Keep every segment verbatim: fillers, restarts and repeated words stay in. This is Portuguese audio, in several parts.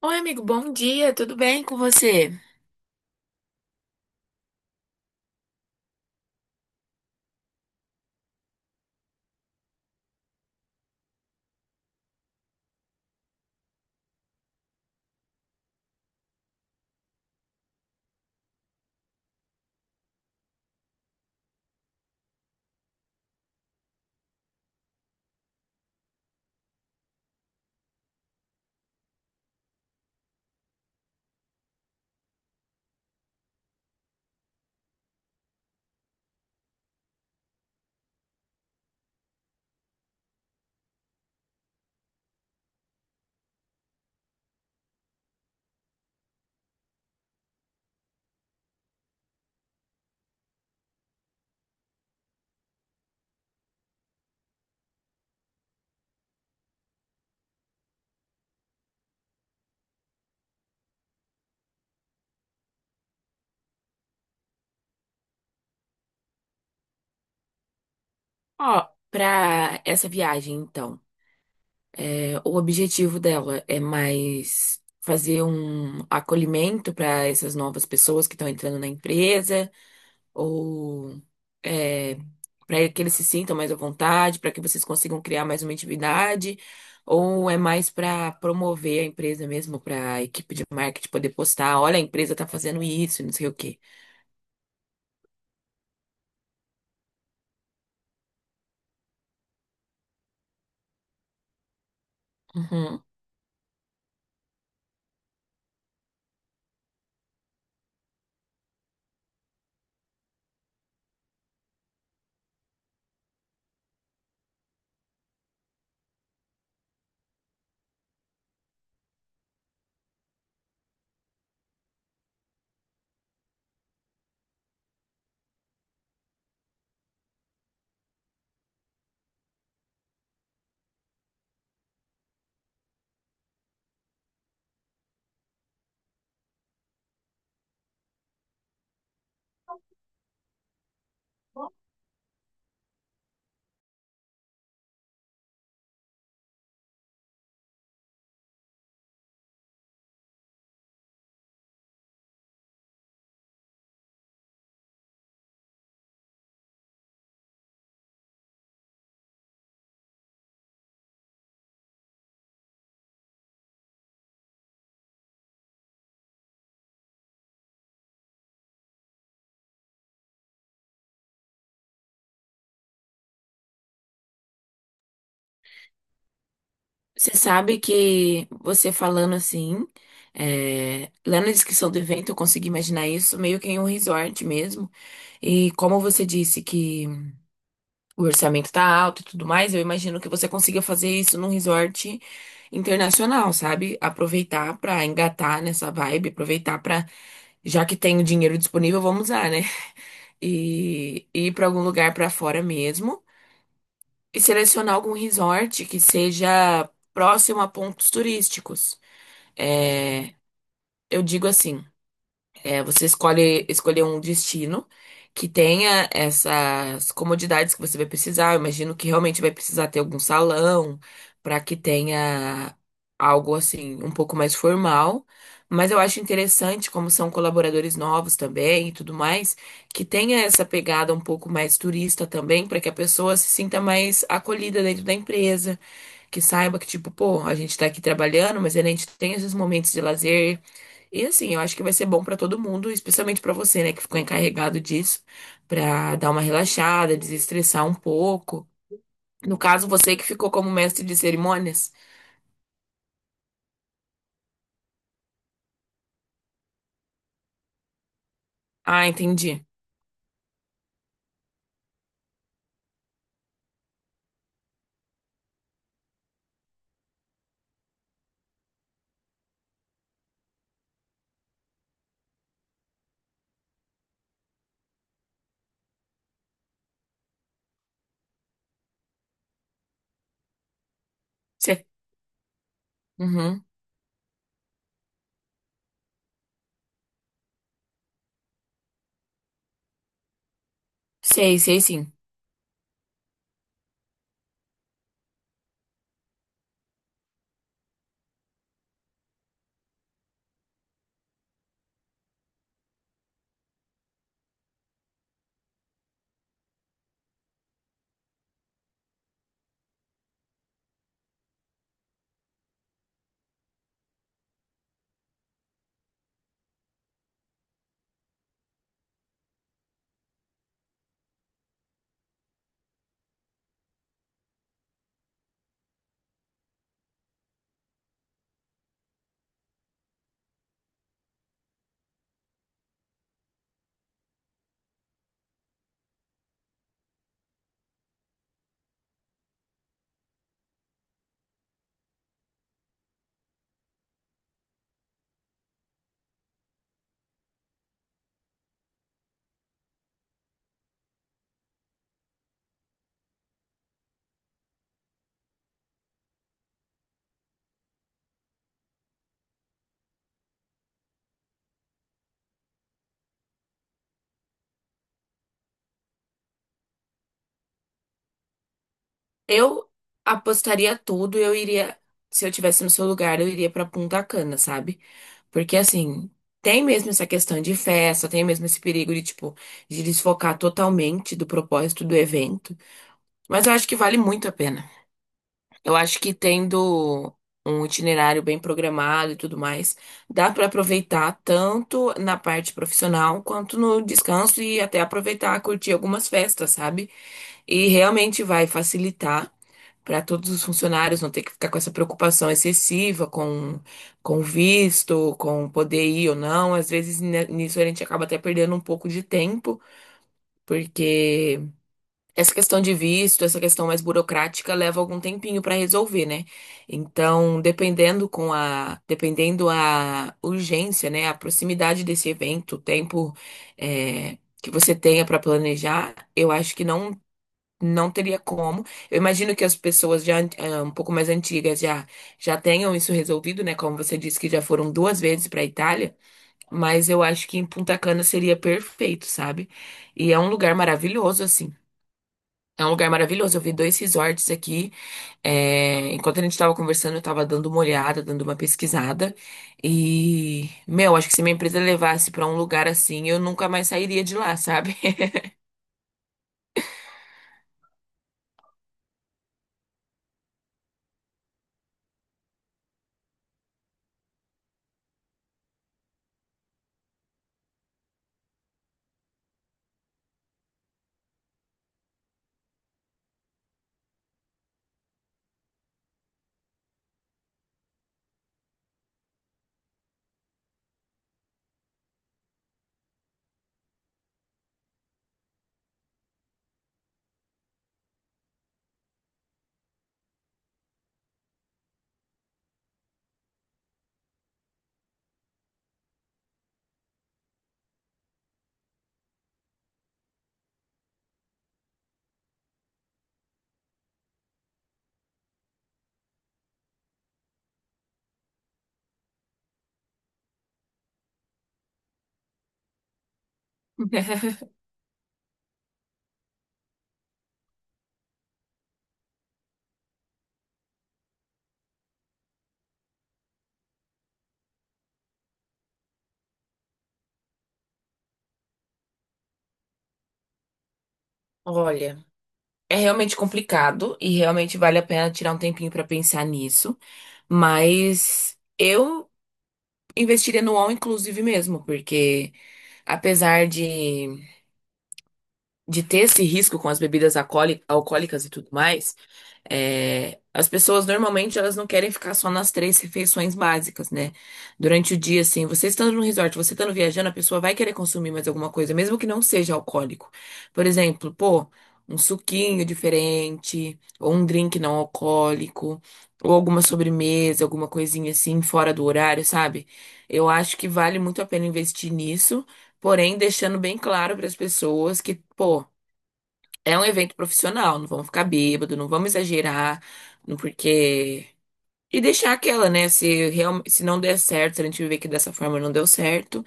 Oi, amigo, bom dia, tudo bem com você? Ó, pra essa viagem, então, é, o objetivo dela é mais fazer um acolhimento para essas novas pessoas que estão entrando na empresa, ou é, para que eles se sintam mais à vontade, para que vocês consigam criar mais uma intimidade, ou é mais para promover a empresa mesmo, para a equipe de marketing poder postar, olha, a empresa tá fazendo isso, e não sei o quê. Uhum. Você sabe que você falando assim, é, lendo a descrição do evento, eu consegui imaginar isso meio que em um resort mesmo. E como você disse que o orçamento tá alto e tudo mais, eu imagino que você consiga fazer isso num resort internacional, sabe? Aproveitar pra engatar nessa vibe, aproveitar pra, já que tem o dinheiro disponível, vamos usar, né? E ir pra algum lugar pra fora mesmo e selecionar algum resort que seja próximo a pontos turísticos. É, eu digo assim, é, você escolhe escolher um destino que tenha essas comodidades que você vai precisar. Eu imagino que realmente vai precisar ter algum salão para que tenha algo assim um pouco mais formal. Mas eu acho interessante como são colaboradores novos também e tudo mais, que tenha essa pegada um pouco mais turista também, para que a pessoa se sinta mais acolhida dentro da empresa, que saiba que tipo, pô, a gente tá aqui trabalhando, mas a gente tem esses momentos de lazer e assim, eu acho que vai ser bom pra todo mundo, especialmente pra você, né, que ficou encarregado disso, pra dar uma relaxada, desestressar um pouco. No caso, você que ficou como mestre de cerimônias. Ah, entendi. Você Uhum. Sei, sei sim. Eu apostaria tudo, eu iria, se eu tivesse no seu lugar, eu iria pra Punta Cana, sabe? Porque assim, tem mesmo essa questão de festa, tem mesmo esse perigo de tipo de desfocar totalmente do propósito do evento, mas eu acho que vale muito a pena. Eu acho que tendo um itinerário bem programado e tudo mais, dá para aproveitar tanto na parte profissional quanto no descanso e até aproveitar, curtir algumas festas, sabe? E realmente vai facilitar para todos os funcionários não ter que ficar com essa preocupação excessiva com com visto, com poder ir ou não. Às vezes né, nisso a gente acaba até perdendo um pouco de tempo, porque essa questão de visto, essa questão mais burocrática leva algum tempinho para resolver, né? Então, dependendo com a, dependendo a urgência, né, a proximidade desse evento, o tempo é, que você tenha para planejar, eu acho que não não teria como. Eu imagino que as pessoas já é, um pouco mais antigas já já tenham isso resolvido, né? Como você disse que já foram duas vezes para a Itália, mas eu acho que em Punta Cana seria perfeito, sabe? E é um lugar maravilhoso assim. É um lugar maravilhoso. Eu vi dois resorts aqui. É, enquanto a gente estava conversando, eu estava dando uma olhada, dando uma pesquisada. E, meu, acho que se minha empresa levasse para um lugar assim, eu nunca mais sairia de lá, sabe? Olha, é realmente complicado e realmente vale a pena tirar um tempinho para pensar nisso, mas eu investiria no all inclusive mesmo, porque apesar de, de ter esse risco com as bebidas alcoóli- alcoólicas e tudo mais. É, as pessoas normalmente elas não querem ficar só nas três refeições básicas, né? Durante o dia, assim, você estando no resort, você estando viajando, a pessoa vai querer consumir mais alguma coisa, mesmo que não seja alcoólico. Por exemplo, pô, um suquinho diferente, ou um drink não alcoólico, ou alguma sobremesa, alguma coisinha assim, fora do horário, sabe? Eu acho que vale muito a pena investir nisso, porém deixando bem claro para as pessoas que, pô, é um evento profissional, não vamos ficar bêbado, não vamos exagerar, não porque. E deixar aquela, né? Se, real... se não der certo, se a gente ver que dessa forma não deu certo,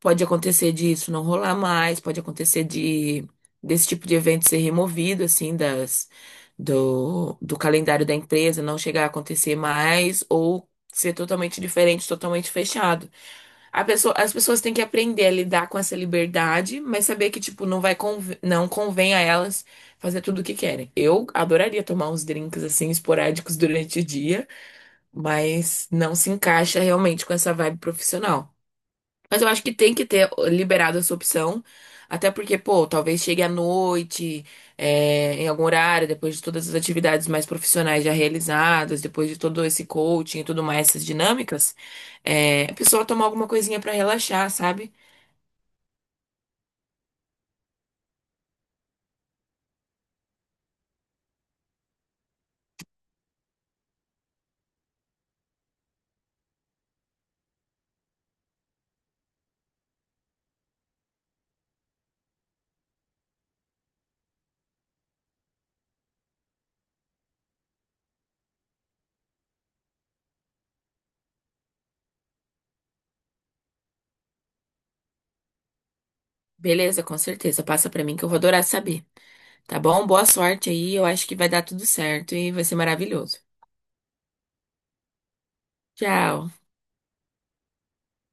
pode acontecer disso não rolar mais, pode acontecer de desse tipo de evento ser removido, assim, das do do calendário da empresa, não chegar a acontecer mais, ou ser totalmente diferente, totalmente fechado. A pessoa, as pessoas têm que aprender a lidar com essa liberdade, mas saber que, tipo, não vai conv- não convém a elas fazer tudo o que querem. Eu adoraria tomar uns drinks, assim, esporádicos durante o dia, mas não se encaixa realmente com essa vibe profissional. Mas eu acho que tem que ter liberado essa opção. Até porque, pô, talvez chegue à noite, é, em algum horário, depois de todas as atividades mais profissionais já realizadas, depois de todo esse coaching e tudo mais, essas dinâmicas, é, a pessoa tomar alguma coisinha pra relaxar, sabe? Beleza, com certeza. Passa pra mim que eu vou adorar saber. Tá bom? Boa sorte aí. Eu acho que vai dar tudo certo e vai ser maravilhoso. Tchau.